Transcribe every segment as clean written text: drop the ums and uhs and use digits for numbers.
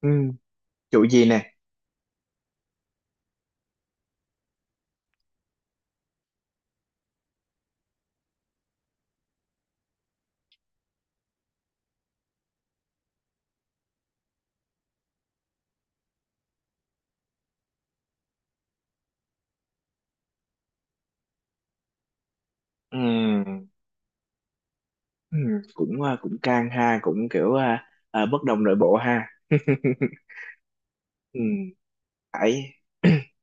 Ừ, chủ gì nè. Ừ, ừ, cũng căng ha, cũng kiểu bất đồng nội bộ ha. ừ, Hải.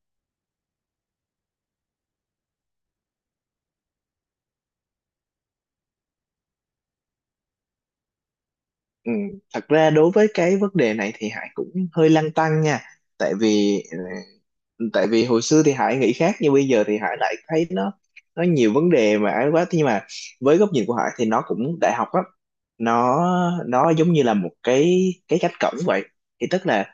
ừ, thật ra đối với cái vấn đề này thì Hải cũng hơi lăn tăn nha, tại vì ờ, tại vì hồi xưa thì Hải nghĩ khác, nhưng bây giờ thì Hải lại thấy nó nhiều vấn đề mà ấy quá. Thế nhưng mà với góc nhìn của Hải thì nó cũng đại học á, nó nó giống như là một cái cánh cổng vậy, thì tức là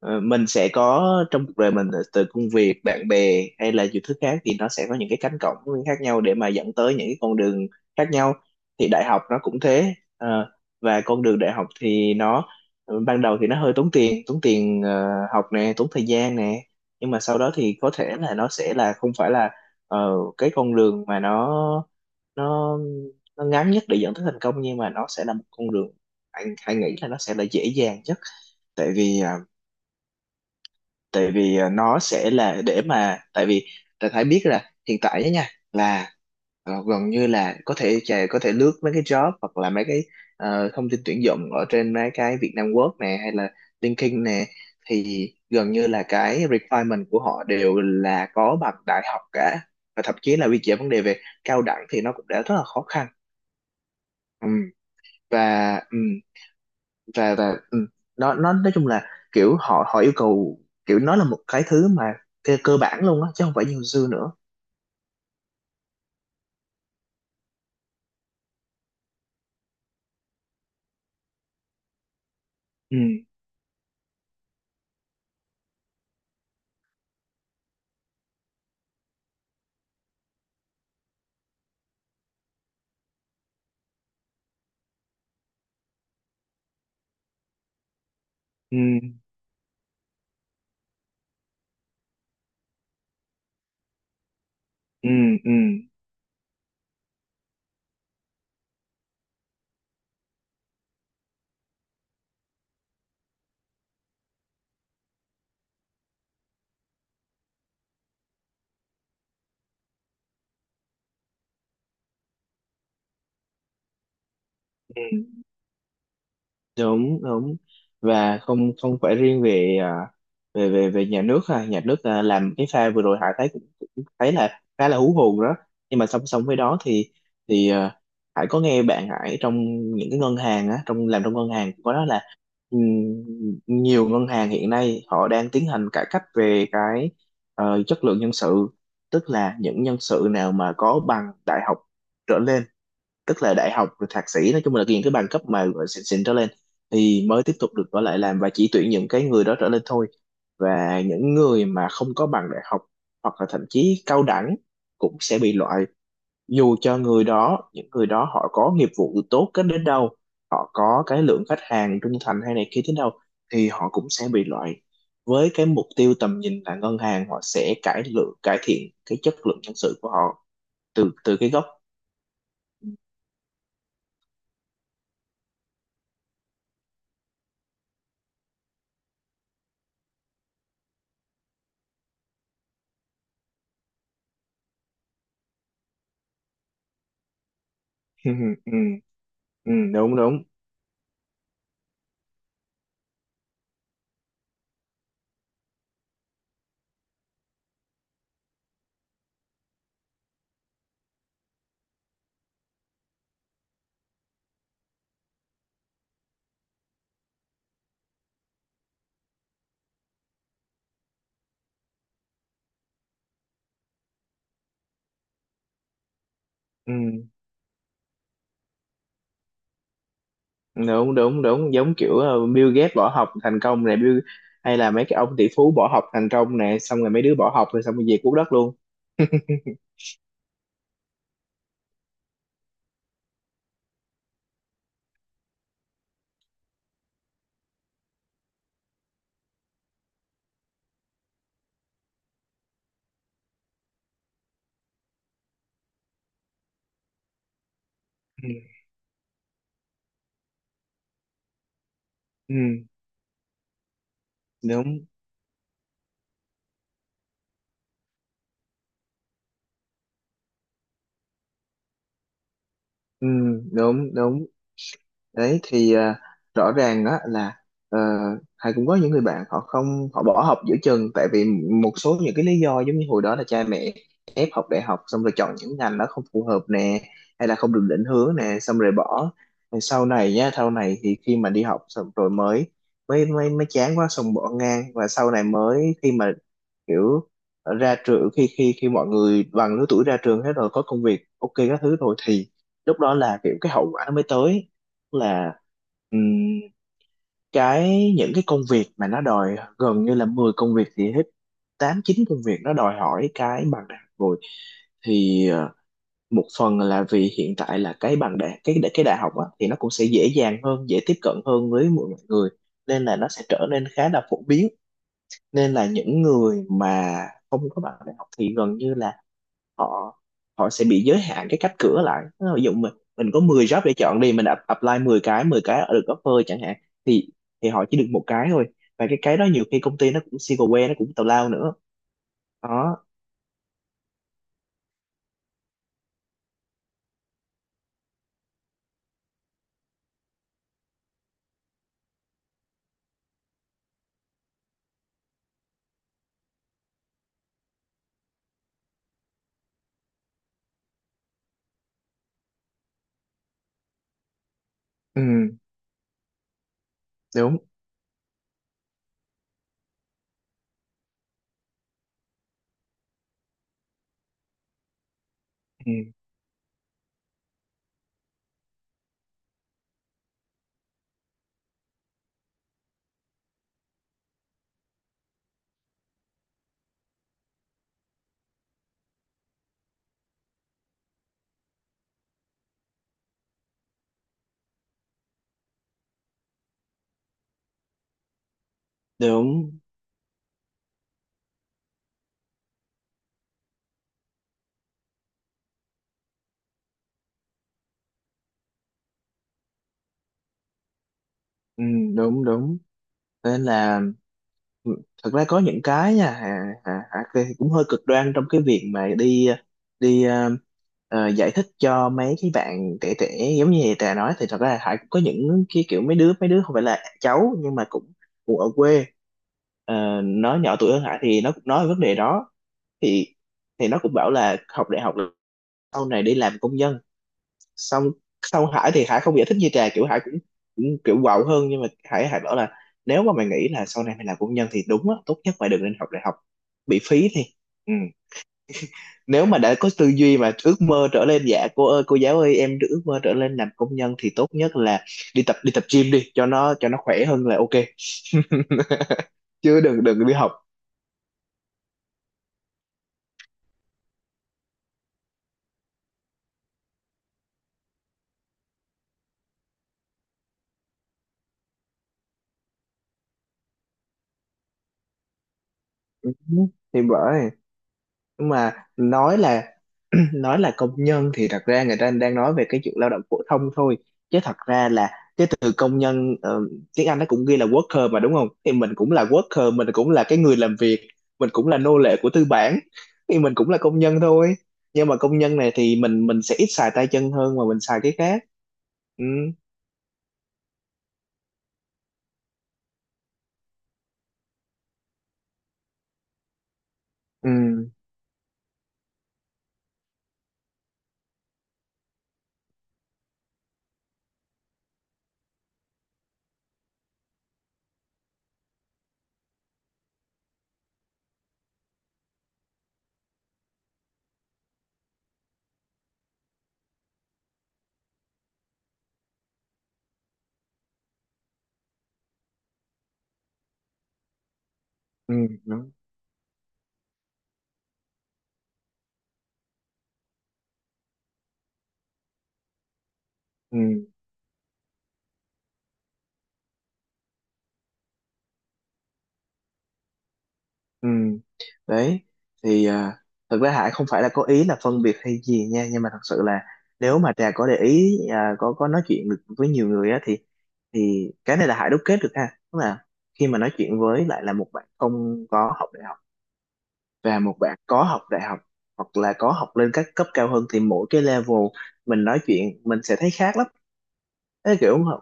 mình sẽ có, trong cuộc đời mình, từ công việc, bạn bè hay là nhiều thứ khác, thì nó sẽ có những cái cánh cổng khác nhau để mà dẫn tới những cái con đường khác nhau. Thì đại học nó cũng thế. Ờ, và con đường đại học thì nó ban đầu thì nó hơi tốn tiền, học nè, tốn thời gian nè, nhưng mà sau đó thì có thể là nó sẽ là không phải là ờ, cái con đường mà nó nó ngắn nhất để dẫn tới thành công, nhưng mà nó sẽ là một con đường anh nghĩ là nó sẽ là dễ dàng nhất, tại vì à, tại vì nó sẽ là, để mà, tại vì ta phải biết là hiện tại á nha, là gần như là có thể lướt mấy cái job hoặc là mấy cái thông tin tuyển dụng ở trên mấy cái Vietnam Work nè hay là LinkedIn nè, thì gần như là cái requirement của họ đều là có bằng đại học cả, và thậm chí là quy chế vấn đề về cao đẳng thì nó cũng đã rất là khó khăn. Ừm, và và nó nói chung là kiểu họ họ yêu cầu, kiểu nó là một cái thứ mà cơ bản luôn á, chứ không phải như hồi xưa nữa. ừ, ừ, ừ, ừ, đúng đúng. Và không không phải riêng về về nhà nước ha, làm cái pha vừa rồi Hải thấy cũng thấy là khá là hú hồn đó. Nhưng mà song song với đó thì thì à, Hải có nghe bạn Hải trong những cái ngân hàng á, trong làm trong ngân hàng, có đó là, ừm, nhiều ngân hàng hiện nay họ đang tiến hành cải cách về cái chất lượng nhân sự, tức là những nhân sự nào mà có bằng đại học trở lên, tức là đại học rồi thạc sĩ, nói chung là những cái bằng cấp mà gọi xịn xịn trở lên thì mới tiếp tục được ở lại làm, và chỉ tuyển những cái người đó trở lên thôi. Và những người mà không có bằng đại học hoặc là thậm chí cao đẳng cũng sẽ bị loại, dù cho người đó, những người đó họ có nghiệp vụ tốt đến đến đâu, họ có cái lượng khách hàng trung thành hay này kia thế đâu, thì họ cũng sẽ bị loại, với cái mục tiêu tầm nhìn là ngân hàng họ sẽ cải lượng, cải thiện cái chất lượng nhân sự của họ từ từ cái gốc. ừ, ừ, ừ, đúng đúng. Ừ, đúng đúng đúng, giống kiểu Bill Gates bỏ học thành công này, Bill hay là mấy cái ông tỷ phú bỏ học thành công này, xong rồi mấy đứa bỏ học rồi xong rồi về cuốc đất luôn. ừ, ừ, đúng, ừ, đúng đúng đấy, thì rõ ràng á là, ờ, Hải cũng có những người bạn, họ không họ bỏ học giữa chừng tại vì một số những cái lý do, giống như hồi đó là cha mẹ ép học đại học, xong rồi chọn những ngành nó không phù hợp nè, hay là không được định hướng nè xong rồi bỏ. Rồi sau này nhá, sau này thì khi mà đi học xong rồi mới mới chán quá xong bỏ ngang, và sau này mới, khi mà kiểu ra trường, khi khi khi mọi người bằng lứa tuổi ra trường hết rồi, có công việc ok các thứ rồi, thì lúc đó là kiểu cái hậu quả nó mới tới, là ừm, cái những cái công việc mà nó đòi gần như là 10 công việc thì hết 8 9 công việc nó đòi hỏi cái bằng đại học rồi. Thì một phần là vì hiện tại là cái bằng đại, cái đại học á, thì nó cũng sẽ dễ dàng hơn, dễ tiếp cận hơn với mọi người, nên là nó sẽ trở nên khá là phổ biến, nên là những người mà không có bằng đại học thì gần như là họ, họ sẽ bị giới hạn cái cánh cửa lại. Ví dụ mình có 10 job để chọn đi, mình up- apply 10 cái, 10 cái được offer chẳng hạn, thì họ chỉ được một cái thôi, và cái đó nhiều khi công ty nó cũng single way, nó cũng tào lao nữa đó. Ừ đúng. Ừ, đúng. Ừ, đúng đúng. Nên là, ừ, thật ra có những cái nha, Hà Kê cũng hơi cực đoan trong cái việc mà đi đi ờ, giải thích cho mấy cái bạn trẻ trẻ. Giống như Trà nói thì thật ra Hải cũng có những cái kiểu mấy đứa không phải là cháu nhưng mà cũng cũng ở quê. Ờ, nó nhỏ tuổi hơn Hải thì nó cũng nói vấn đề đó, thì nó cũng bảo là học đại học là sau này đi làm công nhân xong. Hải thì Hải không giải thích như Trà, kiểu Hải cũng kiểu quạo hơn, nhưng mà Hải Hải bảo là, nếu mà mày nghĩ là sau này mày làm công nhân thì đúng á, tốt nhất mày đừng nên học đại học bị phí. Thì ừ. Nếu mà đã có tư duy mà ước mơ trở lên, dạ cô ơi cô giáo ơi em ước mơ trở lên làm công nhân, thì tốt nhất là đi tập gym đi cho nó, cho nó khỏe, hơn là ok. chứ đừng đừng đi học. Ừ, thì bởi, nhưng mà nói là nói là công nhân thì thật ra người ta đang nói về cái chuyện lao động phổ thông thôi, chứ thật ra là cái từ công nhân, tiếng Anh nó cũng ghi là worker mà đúng không, thì mình cũng là worker, mình cũng là cái người làm việc, mình cũng là nô lệ của tư bản, thì mình cũng là công nhân thôi. Nhưng mà công nhân này thì mình sẽ ít xài tay chân hơn mà mình xài cái khác. Ừ ừ ừ đúng. ừ. Ừ, đấy thì thực ra Hải không phải là có ý là phân biệt hay gì nha, nhưng mà thật sự là, nếu mà Trà có để ý có nói chuyện được với nhiều người á, thì cái này là Hải đúc kết được ha, tức là khi mà nói chuyện với lại là một bạn không có học đại học và một bạn có học đại học hoặc là có học lên các cấp cao hơn, thì mỗi cái level mình nói chuyện mình sẽ thấy khác lắm. Cái kiểu mà-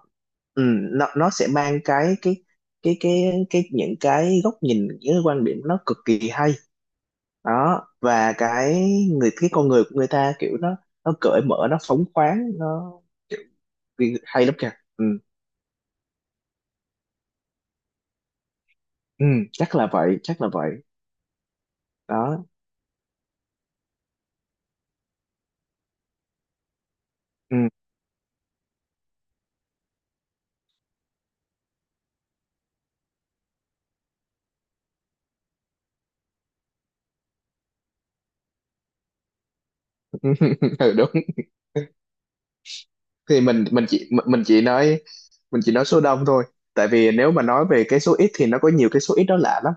ừ, nó sẽ mang cái những cái góc nhìn, những cái quan điểm nó cực kỳ hay đó. Và cái con người của người ta kiểu nó cởi mở, nó phóng khoáng, nó vì- hay lắm kìa. Ừ. ừ, chắc là vậy, chắc là vậy đó. Ừ. ừ đúng. Thì mình chỉ nói số đông thôi, tại vì nếu mà nói về cái số ít thì nó có nhiều cái số ít đó lạ lắm.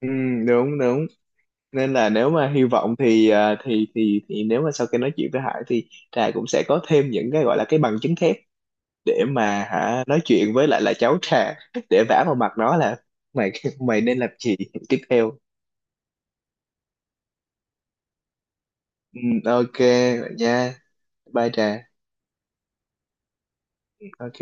Ừ đúng đúng. Nên là nếu mà hy vọng thì thì nếu mà sau khi nói chuyện với Hải thì Trà cũng sẽ có thêm những cái gọi là cái bằng chứng thép, để mà hả nói chuyện với lại là cháu Trà, để vả vào mặt nó là mày, mày nên làm gì tiếp theo. Ừ, ok, vậy nha, bye Trà. Ok